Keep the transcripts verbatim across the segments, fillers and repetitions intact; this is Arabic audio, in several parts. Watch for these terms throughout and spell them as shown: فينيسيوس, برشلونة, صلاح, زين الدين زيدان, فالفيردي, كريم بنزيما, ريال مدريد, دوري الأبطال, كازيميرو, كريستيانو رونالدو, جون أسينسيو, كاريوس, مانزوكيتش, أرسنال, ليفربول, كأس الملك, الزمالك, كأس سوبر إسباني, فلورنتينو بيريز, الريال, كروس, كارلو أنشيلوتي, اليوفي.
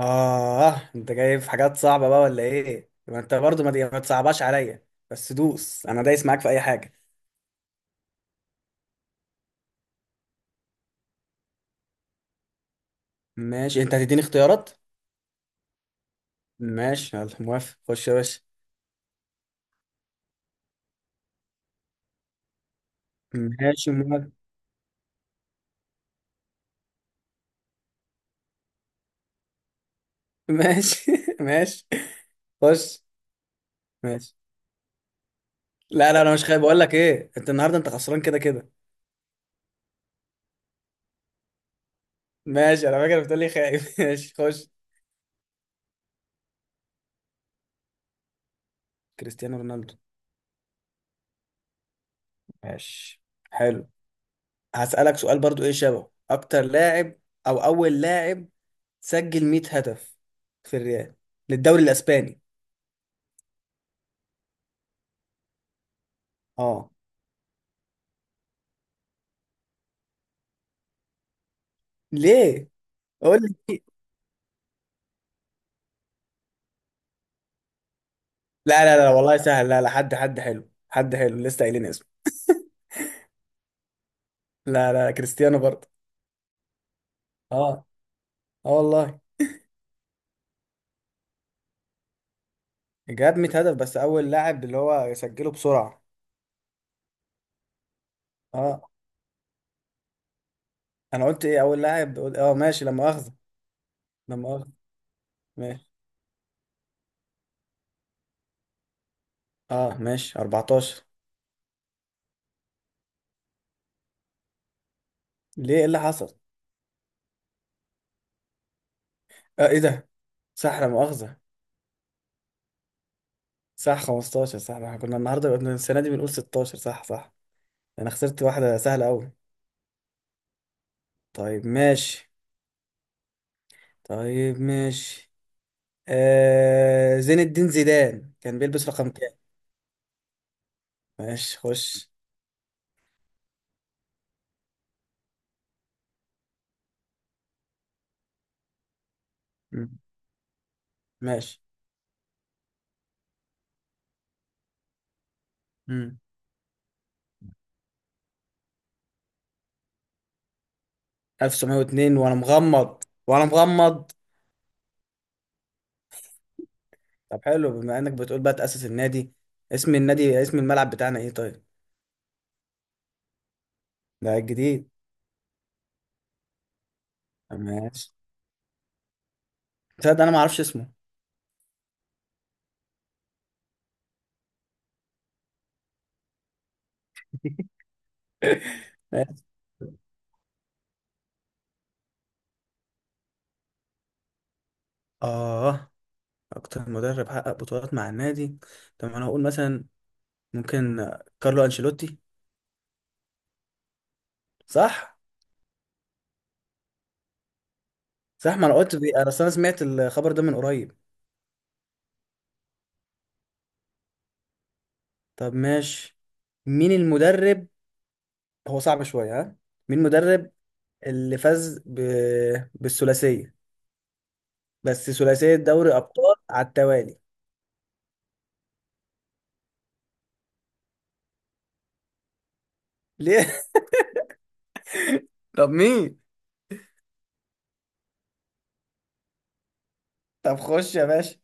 آه، أنت جايب حاجات صعبة بقى ولا إيه؟ ما أنت برضو ما ما تصعبهاش عليا، بس دوس. أنا دايس معاك في أي حاجة. ماشي، أنت هتديني اختيارات؟ ماشي يلا، موافق، خش يا باشا. ماشي موافق. ماشي ماشي. خش. ماشي. لا لا، أنا مش خايف، بقول لك إيه، أنت النهاردة أنت خسران كده كده. ماشي، أنا فاكر بتقول لي خايف ماشي، خش. كريستيانو رونالدو. ماشي، حلو. هسألك سؤال برضو، إيه شبهه؟ أكتر لاعب أو أول لاعب سجل مئة هدف في الريال للدوري الاسباني. اه. ليه؟ قول لي ليه؟ لا لا لا والله سهل، لا لا، حد حد حلو، حد حلو لسه قايلين اسمه. لا لا، كريستيانو برضه. اه. اه والله. جاب مية هدف، بس اول لاعب اللي هو سجله بسرعه. اه. انا قلت ايه؟ اول لاعب، قلت اه، ماشي لما اخذ. لما اخذ. ماشي. اه ماشي، اربعتاشر. ليه، ايه اللي حصل؟ اه، ايه ده؟ صح، لا مؤاخذة. صح، خمستاشر. صح، احنا كنا النهارده السنة دي بنقول ستاشر، صح صح. انا خسرت واحدة سهلة قوي. طيب ماشي. طيب ماشي. آه، زين الدين زيدان كان بيلبس رقم كام؟ ماشي، خش. مم. ماشي. مم. ألف وتسعمية واتنين، وانا مغمض وانا مغمض. طب حلو، بما انك بتقول بقى تأسس النادي، اسم النادي، اسم الملعب بتاعنا ايه طيب؟ ده الجديد. ماشي. تصدق انا ما اعرفش اسمه. اه. اكتر مدرب حقق بطولات مع النادي. طب انا هقول مثلا، ممكن كارلو انشيلوتي. صح. صح، ما انا قلت بي... انا أصل انا سمعت الخبر ده من قريب. طب ماشي. مين المدرب؟ هو صعب شويه ها. مين المدرب اللي فاز ب... بالثلاثيه، بس ثلاثيه دوري ابطال على التوالي. ليه؟ طب مين؟ طب خش يا باشا.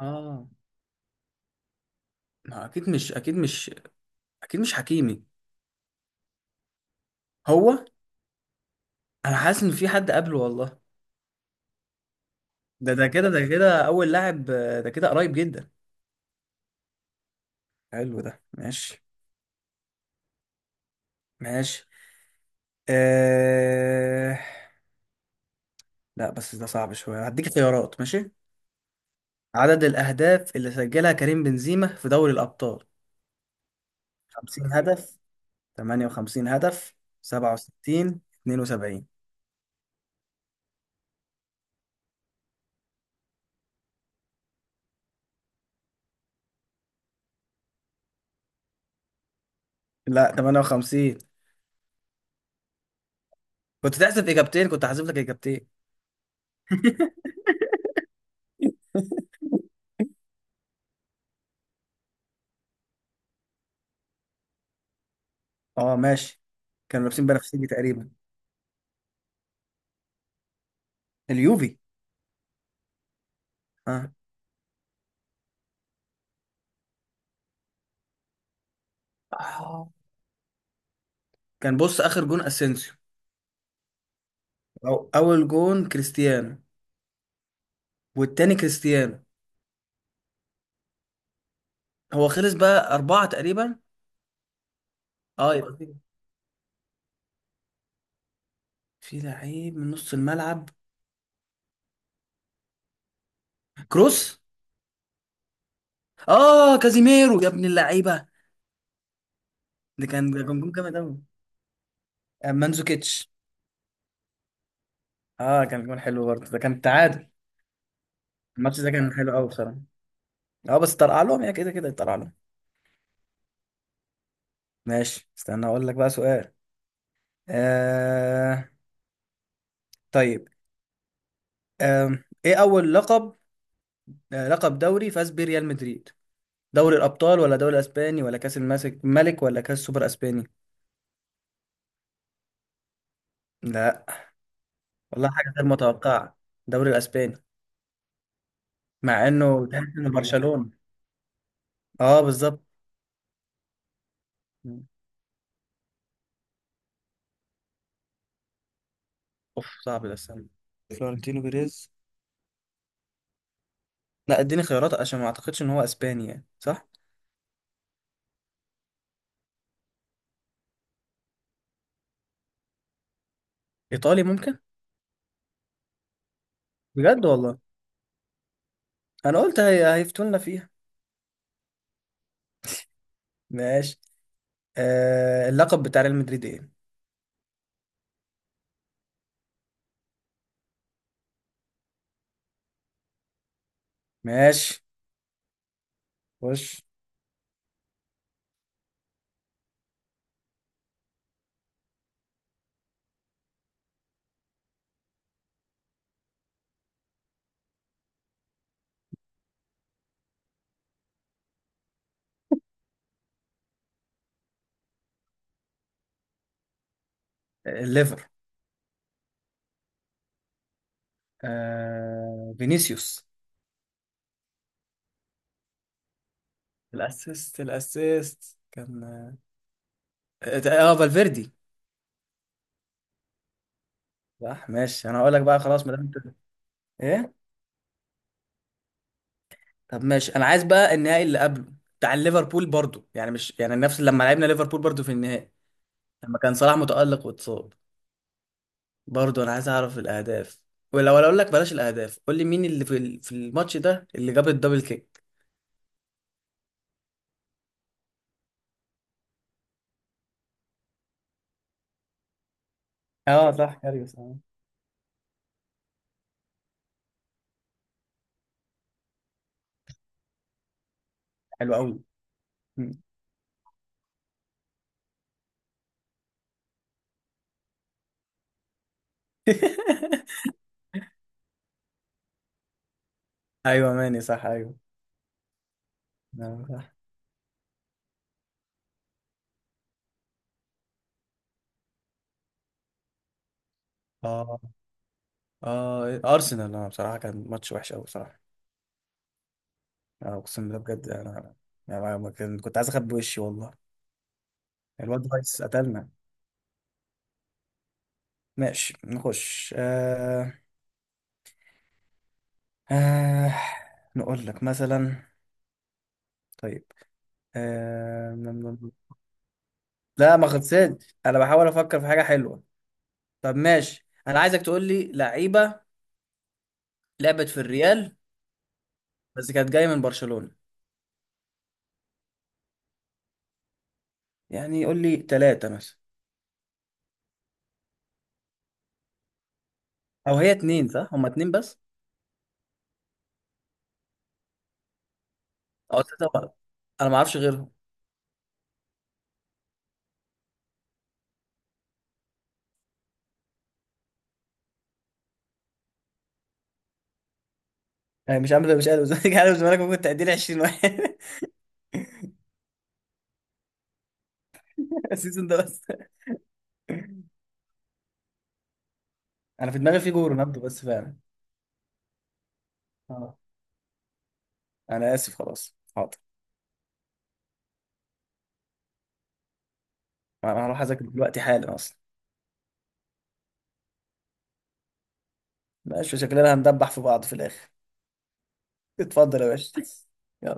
اه. ما اكيد مش، اكيد مش، اكيد مش حكيمي. هو؟ انا حاسس ان في حد قبله والله. ده ده كده ده كده اول لاعب، آه، ده كده قريب جدا. حلو ده، ماشي. ماشي. آه... لا بس ده صعب شوية، هديك خيارات، ماشي. عدد الأهداف اللي سجلها كريم بنزيما في دوري الأبطال. خمسين هدف، ثمانية وخمسين هدف، سبعة وستين، اثنين وسبعين. لا، تمنية وخمسين. كنت تحذف إجابتين، كنت هحذف لك إجابتين. أه ماشي. كانوا لابسين بنفسجي تقريبا، اليوفي. ها. آه. كان، بص، آخر جون أسينسيو. أو أول جون كريستيانو. والتاني كريستيانو. هو خلص بقى أربعة تقريبا. أه يبقى في، في لعيب من نص الملعب. كروس. اه، كازيميرو يا ابن اللعيبه. ده كان ده كان جون جامد قوي. مانزوكيتش. اه كان جون حلو برضه، ده كان تعادل. الماتش ده كان حلو قوي بصراحه. اه بس طرقع لهم يا، كده كده طرقع لهم. ماشي، استنى اقول لك بقى سؤال. آه. طيب. آه. ايه اول لقب، آه لقب دوري فاز بيه ريال مدريد؟ دوري الابطال ولا دوري الاسباني ولا كاس الماسك ملك ولا كاس سوبر اسباني؟ لا. والله حاجه غير متوقعه. دوري الاسباني؟ مع انه تحس انه برشلونه. اه بالظبط. اوف صعب ده، استنى. فلورنتينو بيريز. لا اديني خيارات عشان ما اعتقدش ان هو اسباني يعني، صح؟ ايطالي ممكن. بجد والله؟ انا قلت هي... هيفتونا فيها. ماشي. آه... اللقب بتاع ريال مدريد ايه؟ ماشي، خش. آه، الليفر. آه... فينيسيوس. الاسيست، الاسيست كان، اه، آه، فالفيردي. صح ماشي، انا هقول لك بقى خلاص ما دام انت. ايه؟ طب ماشي، انا عايز بقى النهائي اللي قبله، بتاع ليفربول برضو، يعني مش يعني نفس، لما لعبنا ليفربول برضو في النهائي، لما كان صلاح متألق واتصاب. برضه انا عايز اعرف الاهداف، ولو انا اقول لك بلاش الاهداف، قول لي مين اللي في ال- في الماتش ده اللي جاب الدبل كيك. اه صح كاريوس اه. حلو قوي. ايوه ماني صح ايوه. نعم، صح. اه. اه ارسنال، انا بصراحه كان ماتش وحش قوي بصراحه. انا اقسم بالله بجد انا، يعني ما كان- كنت عايز اخبي وشي والله. الواد رايس قتلنا. ماشي، نخش. آه... آه... نقول لك مثلا. طيب. آه... لا ما خلصتش، انا بحاول افكر في حاجه حلوه. طب ماشي، انا عايزك تقول لي لعيبه لعبت في الريال، بس كانت جايه من برشلونه. يعني قول لي ثلاثه مثلا. او هي اتنين صح، هما اتنين بس. او ثلاثه بقى. انا ما اعرفش غيرهم. يعني مش عامل مش عامل الزمالك، عامل الزمالك. ممكن تعدي لي عشرين واحد. السيزون ده بس. انا في دماغي في جو رونالدو بس فعلا. اه. انا اسف خلاص حاضر. انا هروح اذاكر دلوقتي حالا اصلا. ماشي، شكلنا هندبح في بعض في الاخر. اتفضل يا باشا. يلا.